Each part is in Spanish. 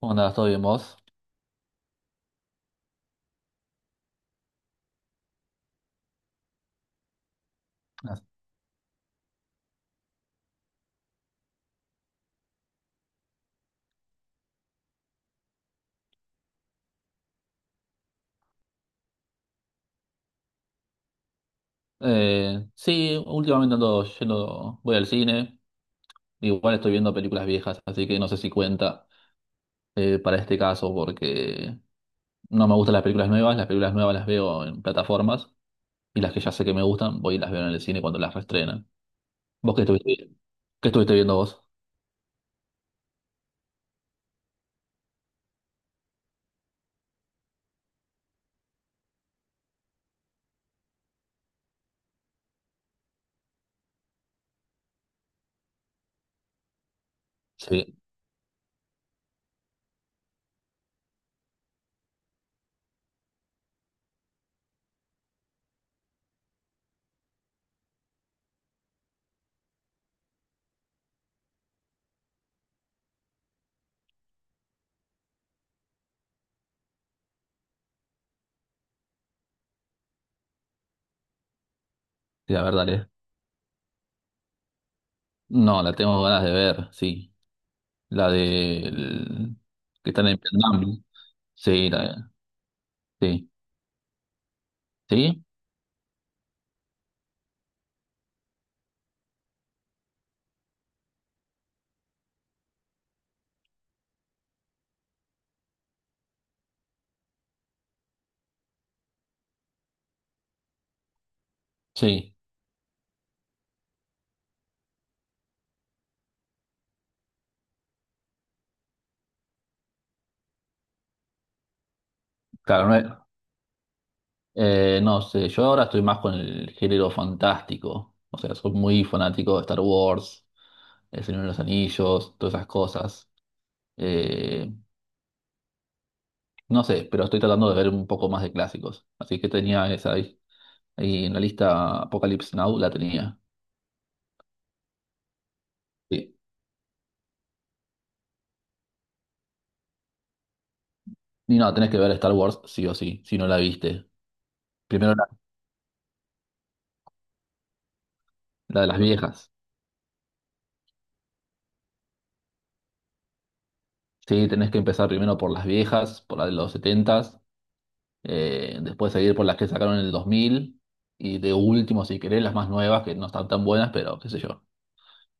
¿Cómo andás? ¿Todo bien vos? Ah. Sí, últimamente ando yendo, voy al cine, igual estoy viendo películas viejas, así que no sé si cuenta para este caso porque no me gustan las películas nuevas, las películas nuevas las veo en plataformas y las que ya sé que me gustan, voy y las veo en el cine cuando las reestrenan. ¿Vos qué qué estuviste viendo vos? Sí, sí, la verdad es. No, la tengo ganas de ver, sí. La de que están en Vietnam. Sí, la, sí, sí, sí. Claro, no es. No sé, yo ahora estoy más con el género fantástico. O sea, soy muy fanático de Star Wars, El Señor de los Anillos, todas esas cosas. Eh, no sé, pero estoy tratando de ver un poco más de clásicos. Así que tenía esa ahí en la lista Apocalypse Now, la tenía. Sí. Y no, tenés que ver Star Wars sí o sí, si no la viste. Primero la, la de las viejas. Sí, tenés que empezar primero por las viejas, por la de los 70, después seguir por las que sacaron en el 2000 y de último, si querés, las más nuevas que no están tan buenas, pero qué sé yo.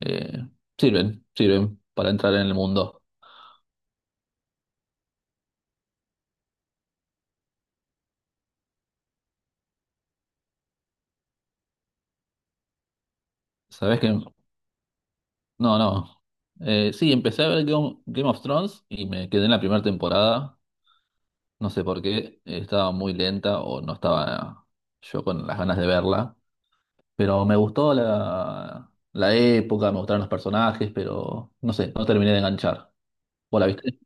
Eh, sirven para entrar en el mundo. ¿Sabés qué? No, no. Sí, empecé a ver Game of Thrones y me quedé en la primera temporada. No sé por qué, estaba muy lenta o no estaba yo con las ganas de verla. Pero me gustó la época, me gustaron los personajes, pero no sé, no terminé de enganchar. ¿Vos la viste?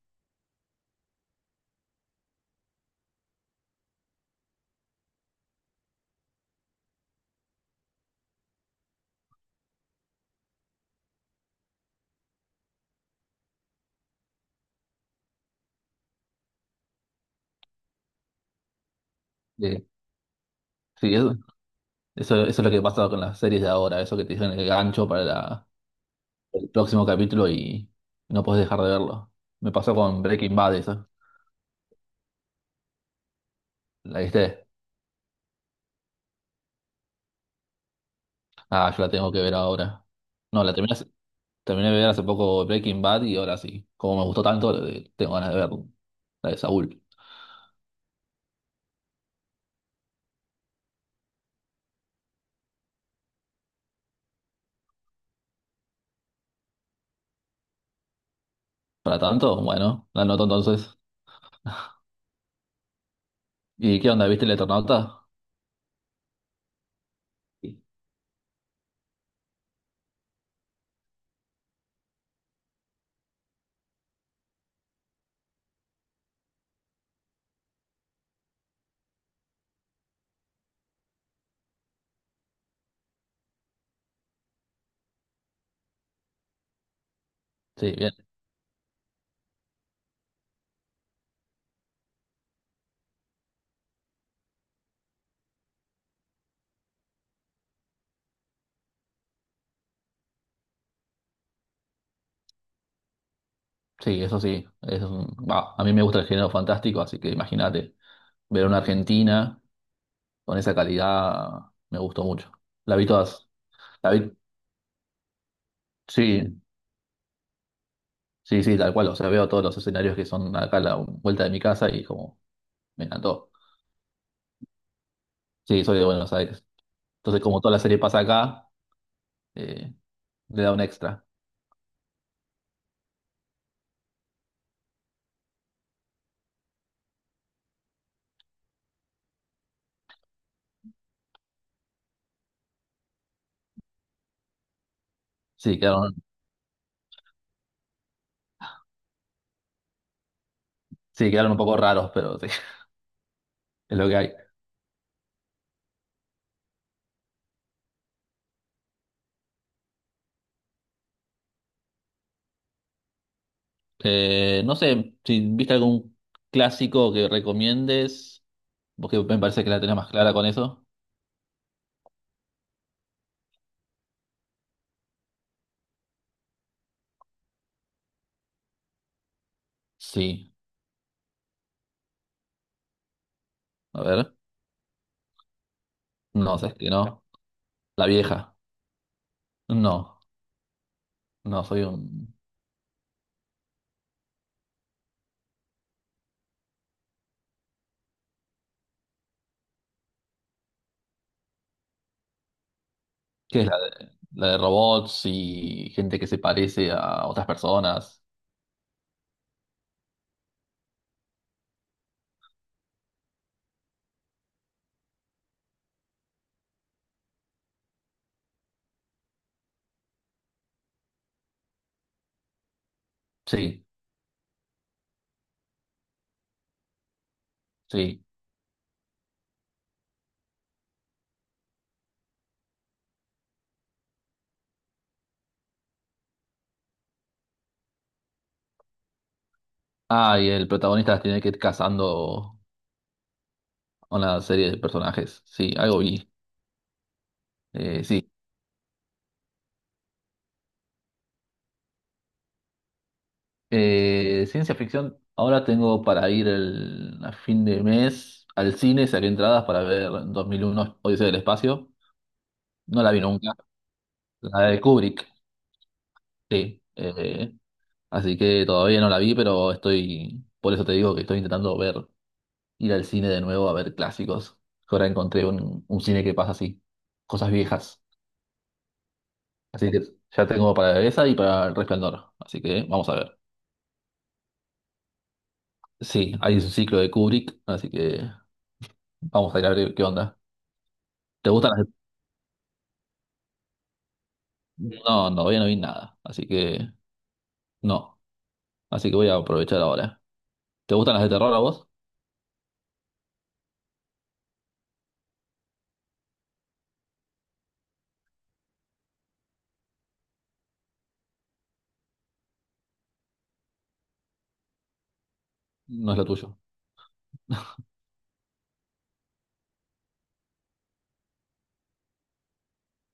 Eh, sí, es, Eso, eso es lo que pasa con las series de ahora, eso que te dejan el gancho para el próximo capítulo y no puedes dejar de verlo. Me pasó con Breaking Bad, eso. ¿La viste? Ah, yo la tengo que ver ahora. No, la terminé, hace- Terminé de ver hace poco Breaking Bad y ahora sí. Como me gustó tanto, tengo ganas de ver la de Saúl. Para tanto, bueno, la anoto entonces. ¿Y qué onda? ¿Viste el Eternauta? Sí, sí, bien. Sí, eso sí. Bah, a mí me gusta el género fantástico, así que imagínate ver una Argentina con esa calidad, me gustó mucho. La vi todas. La vi, sí, sí, sí, tal cual. O sea, veo todos los escenarios que son acá a la vuelta de mi casa y como me encantó. Sí, soy de Buenos Aires. Entonces, como toda la serie pasa acá, eh, le da un extra. Sí, quedaron, sí, quedaron un poco raros, pero sí, es lo que hay. No sé si viste algún clásico que recomiendes, porque me parece que la tenés más clara con eso. Sí, a ver. No, sé, que no. La vieja. No, no, soy un... ¿Qué es la de robots y gente que se parece a otras personas? Sí, sí. Ah, y el protagonista las tiene que ir cazando a una serie de personajes. Sí, algo vi. Sí. Ciencia ficción. Ahora tengo para ir a fin de mes al cine, saqué entradas para ver 2001 Odisea del Espacio. No la vi nunca. La de Kubrick, sí. Eh, Así que todavía no la vi, pero estoy. Por eso te digo que estoy intentando ver ir al cine de nuevo a ver clásicos. Ahora encontré un cine que pasa así, cosas viejas. Así que ya tengo para esa y para El Resplandor. Así que vamos a ver. Sí, hay un ciclo de Kubrick, así que vamos a ir a ver qué onda. ¿Te gustan las de... No, no, todavía no vi nada, así que no. Así que voy a aprovechar ahora. ¿Te gustan las de terror a vos? No es lo tuyo.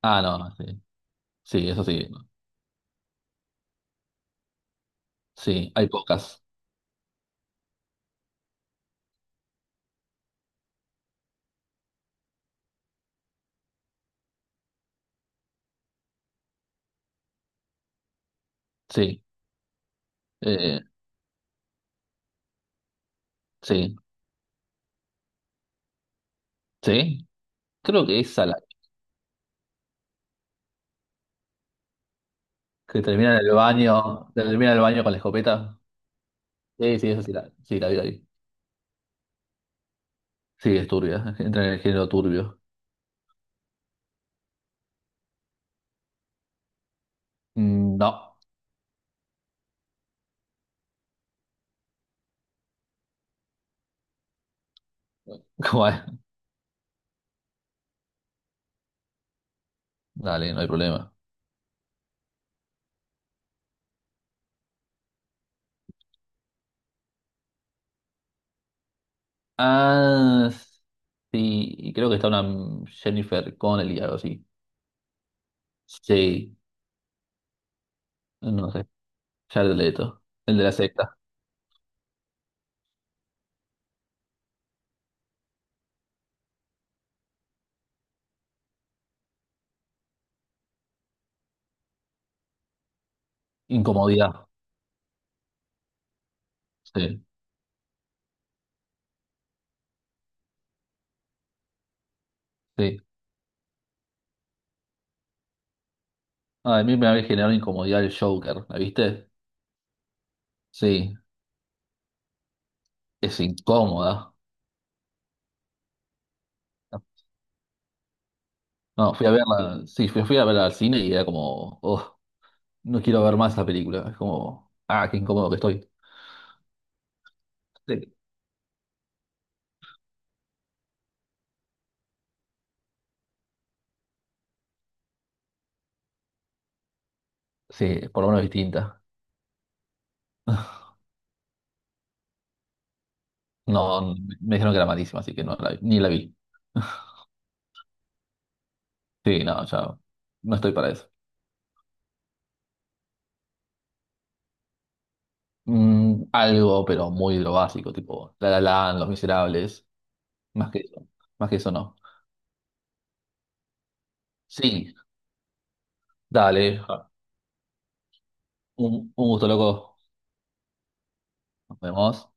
Ah, no, no, sí. Sí, eso sí. Sí, hay pocas. Sí, eh, sí, sí. Creo que esa que termina en el baño, termina en el baño con la escopeta. Sí, sí, eso sí sí, la vi ahí. Sí, es turbia, entra en el género turbio. Mm, no, ¿cómo es? Dale, no hay problema. Ah, sí, y creo que está una Jennifer Connelly, algo así. Sí, no sé, ya el leto. El de la secta. Incomodidad. Sí, sí. Ah, a mí me había generado incomodidad el Joker, ¿la viste? Sí, es incómoda. No, fui a verla, sí, fui a verla al cine y era como, "Ugh", no quiero ver más la película. Es como, ah, qué incómodo que estoy. Sí. Sí, por lo menos distinta. No, me dijeron que era malísima, así que no la vi, ni la vi. Sí, no, ya no estoy para eso. Mm, algo, pero muy de lo básico, tipo La La Land, Los Miserables, más que eso, más que eso no. Sí, dale, ja, un gusto loco, nos vemos.